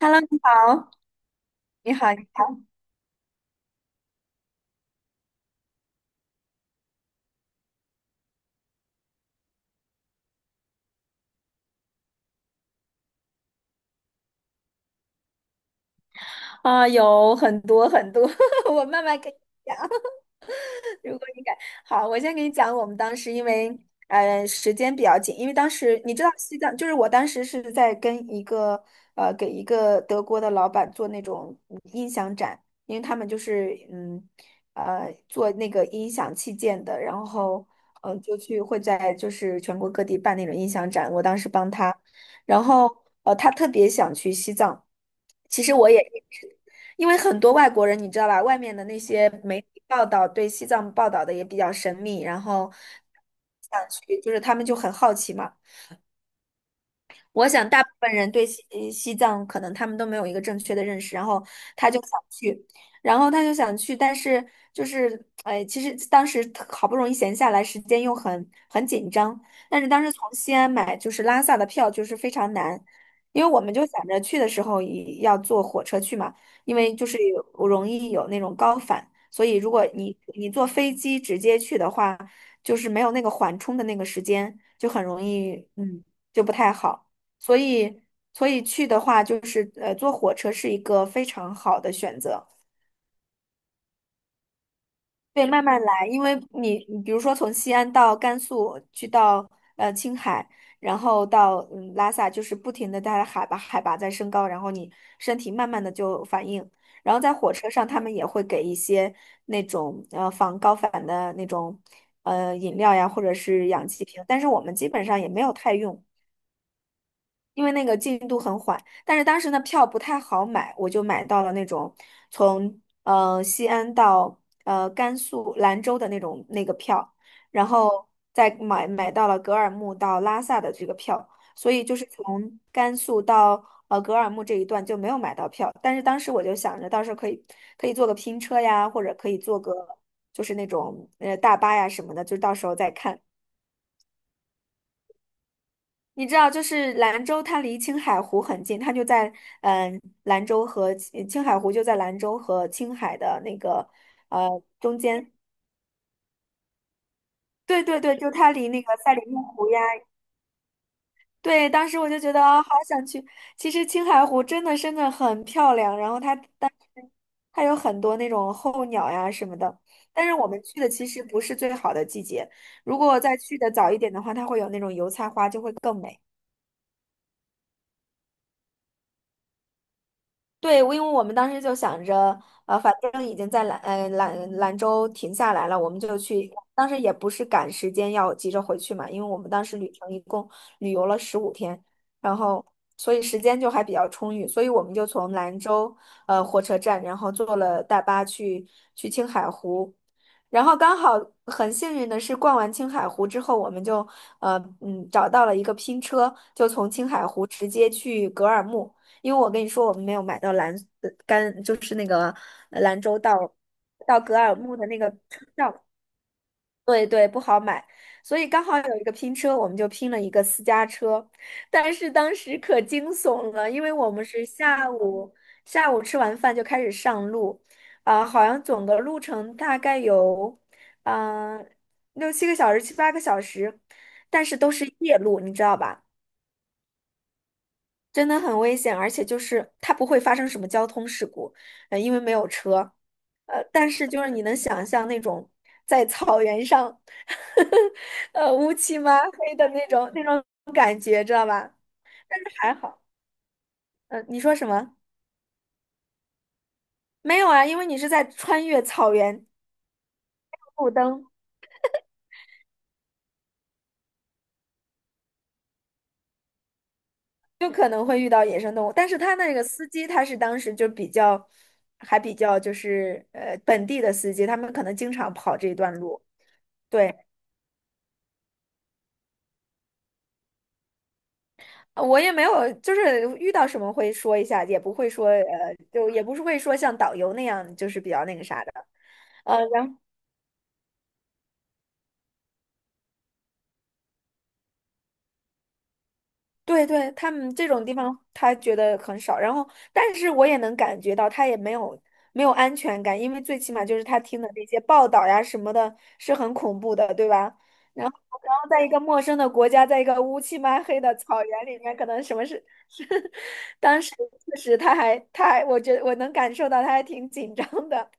Hello，你好，你好。啊，有很多很多，我慢慢跟你讲。如果你敢，好，我先给你讲我们当时，因为时间比较紧。因为当时你知道西藏，就是我当时是在跟给一个德国的老板做那种音响展。因为他们就是做那个音响器件的，然后就去会在就是全国各地办那种音响展。我当时帮他，然后他特别想去西藏。其实我也一直。因为很多外国人，你知道吧，外面的那些媒体报道对西藏报道的也比较神秘，然后想去，就是他们就很好奇嘛。我想大部分人对西藏可能他们都没有一个正确的认识，然后他就想去。但是就是哎，其实当时好不容易闲下来，时间又很紧张。但是当时从西安买就是拉萨的票就是非常难，因为我们就想着去的时候也要坐火车去嘛，因为就是容易有那种高反，所以如果你坐飞机直接去的话，就是没有那个缓冲的那个时间，就很容易就不太好。所以所以去的话，就是坐火车是一个非常好的选择。对，慢慢来。因为你比如说从西安到甘肃，去到青海，然后到拉萨，就是不停的它的海拔在升高，然后你身体慢慢的就反应。然后在火车上，他们也会给一些那种防高反的那种饮料呀，或者是氧气瓶，但是我们基本上也没有太用。因为那个进度很缓。但是当时呢票不太好买，我就买到了那种从西安到甘肃兰州的那种那个票，然后再买到了格尔木到拉萨的这个票，所以就是从甘肃到格尔木这一段就没有买到票。但是当时我就想着到时候可以坐个拼车呀，或者可以坐个就是那种大巴呀什么的，就到时候再看。你知道，就是兰州，它离青海湖很近，它就在嗯、呃兰州和青青海湖就在兰州和青海的那个中间。对对对，就它离那个赛里木湖呀。对，当时我就觉得啊、好想去。其实青海湖真的真的很漂亮，然后它当时有很多那种候鸟呀什么的，但是我们去的其实不是最好的季节。如果再去的早一点的话，它会有那种油菜花，就会更美。对，因为我们当时就想着，呃，反正已经在兰州停下来了，我们就去。当时也不是赶时间要急着回去嘛，因为我们当时旅程一共旅游了15天，然后所以时间就还比较充裕，所以我们就从兰州火车站，然后坐了大巴去青海湖，然后刚好很幸运的是逛完青海湖之后，我们就找到了一个拼车，就从青海湖直接去格尔木。因为我跟你说，我们没有买到就是那个兰州到格尔木的那个车票。对对，不好买。所以刚好有一个拼车，我们就拼了一个私家车。但是当时可惊悚了，因为我们是下午吃完饭就开始上路，啊、好像总的路程大概有嗯、呃六七个小时、七八个小时，但是都是夜路，你知道吧？真的很危险，而且就是它不会发生什么交通事故，因为没有车。但是就是你能想象那种在草原上，乌漆嘛黑的那种感觉，知道吧？但是还好。你说什么？没有啊，因为你是在穿越草原，路灯就可能会遇到野生动物。但是他那个司机他是当时就比较，还比较就是本地的司机，他们可能经常跑这一段路，对。我也没有，就是遇到什么会说一下，也不会说，就也不是会说像导游那样，就是比较那个啥的，然后对对。他们这种地方他觉得很少，然后但是我也能感觉到他也没有安全感，因为最起码就是他听的那些报道呀什么的，是很恐怖的，对吧？然后在一个陌生的国家，在一个乌漆嘛黑的草原里面，可能什么事 是。当时确实他还，我觉得我能感受到他还挺紧张的。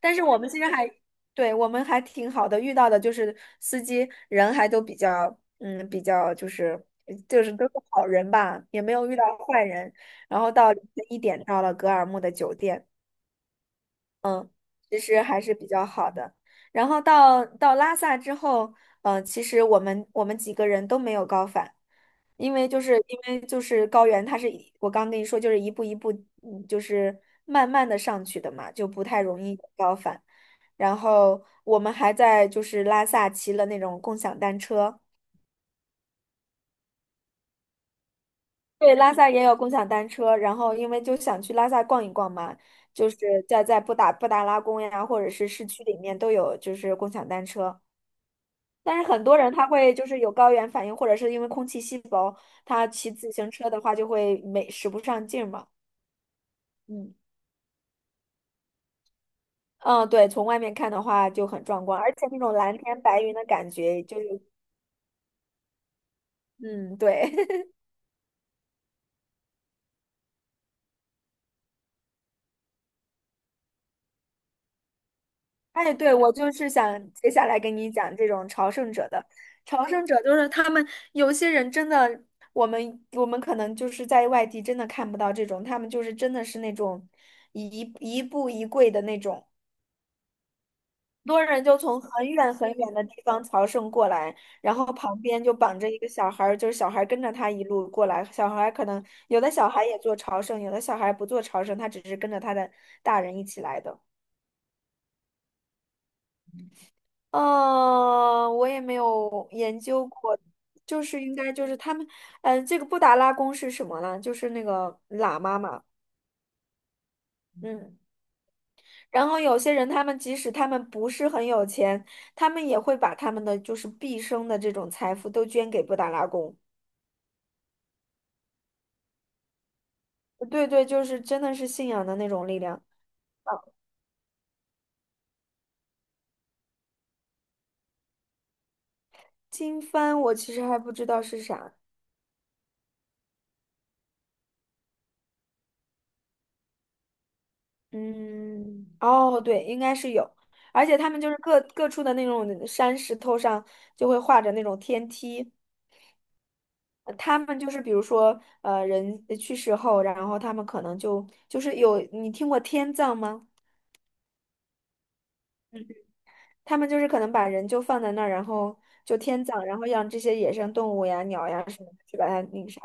但是我们其实还，对，我们还挺好的，遇到的就是司机人还都比较就是都是好人吧，也没有遇到坏人。然后到凌晨一点到了格尔木的酒店，其实还是比较好的。然后到拉萨之后，其实我们几个人都没有高反，因为就是高原，它是一我刚跟你说，就是一步一步，就是慢慢的上去的嘛，就不太容易有高反。然后我们还在就是拉萨骑了那种共享单车。对，拉萨也有共享单车。然后因为就想去拉萨逛一逛嘛，就是在布达拉宫呀，或者是市区里面都有就是共享单车。但是很多人他会就是有高原反应，或者是因为空气稀薄，他骑自行车的话就会没使不上劲儿嘛。嗯嗯，对，从外面看的话就很壮观，而且那种蓝天白云的感觉就是，嗯，对，哎，对，我就是想接下来跟你讲这种朝圣者的。朝圣者就是他们有些人真的，我们可能就是在外地真的看不到这种，他们就是真的是那种一步一跪的那种。多人就从很远很远的地方朝圣过来，然后旁边就绑着一个小孩儿，就是小孩儿跟着他一路过来。小孩儿可能有的小孩也做朝圣，有的小孩不做朝圣，他只是跟着他的大人一起来的。嗯，我也没有研究过。就是应该就是他们，这个布达拉宫是什么呢？就是那个喇嘛嘛，嗯。然后有些人，他们即使他们不是很有钱，他们也会把他们的就是毕生的这种财富都捐给布达拉宫。对对，就是真的是信仰的那种力量。啊，经幡我其实还不知道是啥。嗯，哦，对，应该是有，而且他们就是各处的那种山石头上就会画着那种天梯。他们就是比如说，人去世后，然后他们可能就是有，你听过天葬吗？他们就是可能把人就放在那儿，然后就天葬，然后让这些野生动物呀、鸟呀什么的去把它那个啥。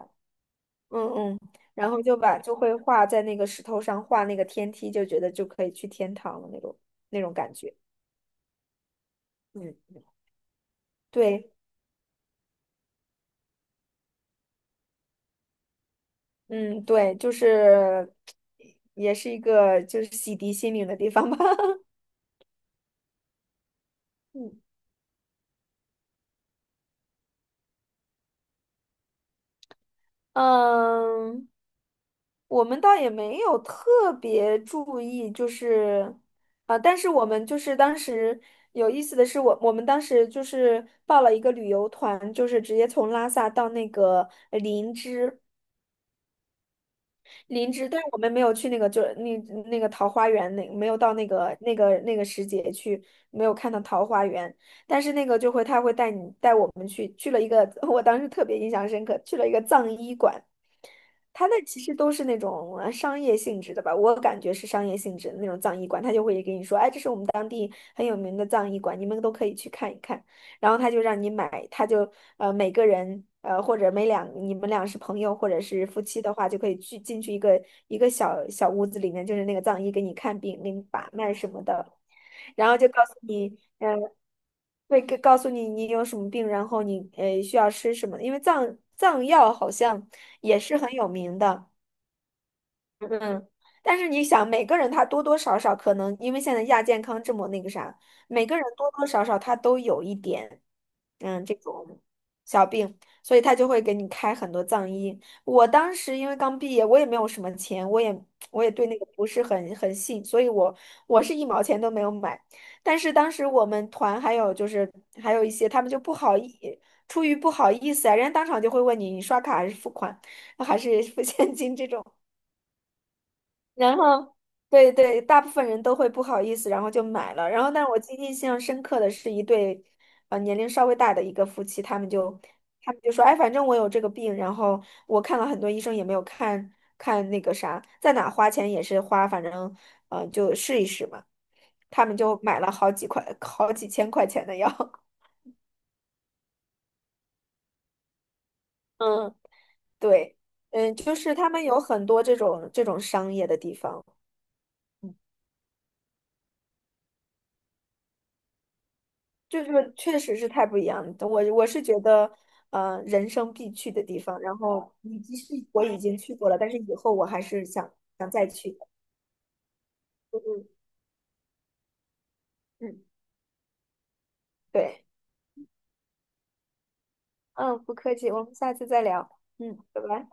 嗯嗯，然后就会画在那个石头上画那个天梯，就觉得就可以去天堂了那种感觉。嗯，对，嗯对，就是也是一个洗涤心灵的地方吧。嗯嗯，我们倒也没有特别注意，但是我们就是当时有意思的是我们当时就是报了一个旅游团，就是直接从拉萨到那个林芝。林芝，但是我们没有去那个，那个桃花源，那没有到那个时节去，没有看到桃花源。但是那个他会带我们去了一个，我当时特别印象深刻，去了一个藏医馆。他的其实都是那种商业性质的吧，我感觉是商业性质的那种葬仪馆，他就会给你说，哎，这是我们当地很有名的葬仪馆，你们都可以去看一看。然后他就让你买，他就每个人或者每两你们俩是朋友或者是夫妻的话，就可以去进去一个小小屋子里面，就是那个藏医给你看病、给你把脉什么的。然后就告诉你，嗯、会告诉你你有什么病，然后你需要吃什么，因为藏药好像也是很有名的。嗯，但是你想，每个人他多多少少可能，因为现在亚健康这么那个啥，每个人多多少少他都有一点，嗯，这种小病，所以他就会给你开很多藏医。我当时因为刚毕业，我也没有什么钱，我也对那个不是很信，所以我是一毛钱都没有买。但是当时我们团还有就是还有一些他们就不好意，出于不好意思啊，人家当场就会问你，你刷卡还是付款，还是付现金这种。然后，对对，大部分人都会不好意思，然后就买了。然后，但是我记忆印象深刻的是一对，年龄稍微大的一个夫妻，他们就说，哎，反正我有这个病，然后我看了很多医生也没有看那个啥，在哪花钱也是花，反正就试一试嘛。他们就买了好几块、好几千块钱的药。嗯，对，嗯，就是他们有很多这种商业的地方。就是确实是太不一样了。我是觉得，人生必去的地方。然后，以及是我已经去过了，但是以后我还是想再去的。嗯嗯嗯，对，嗯，不客气，我们下次再聊。嗯，拜拜。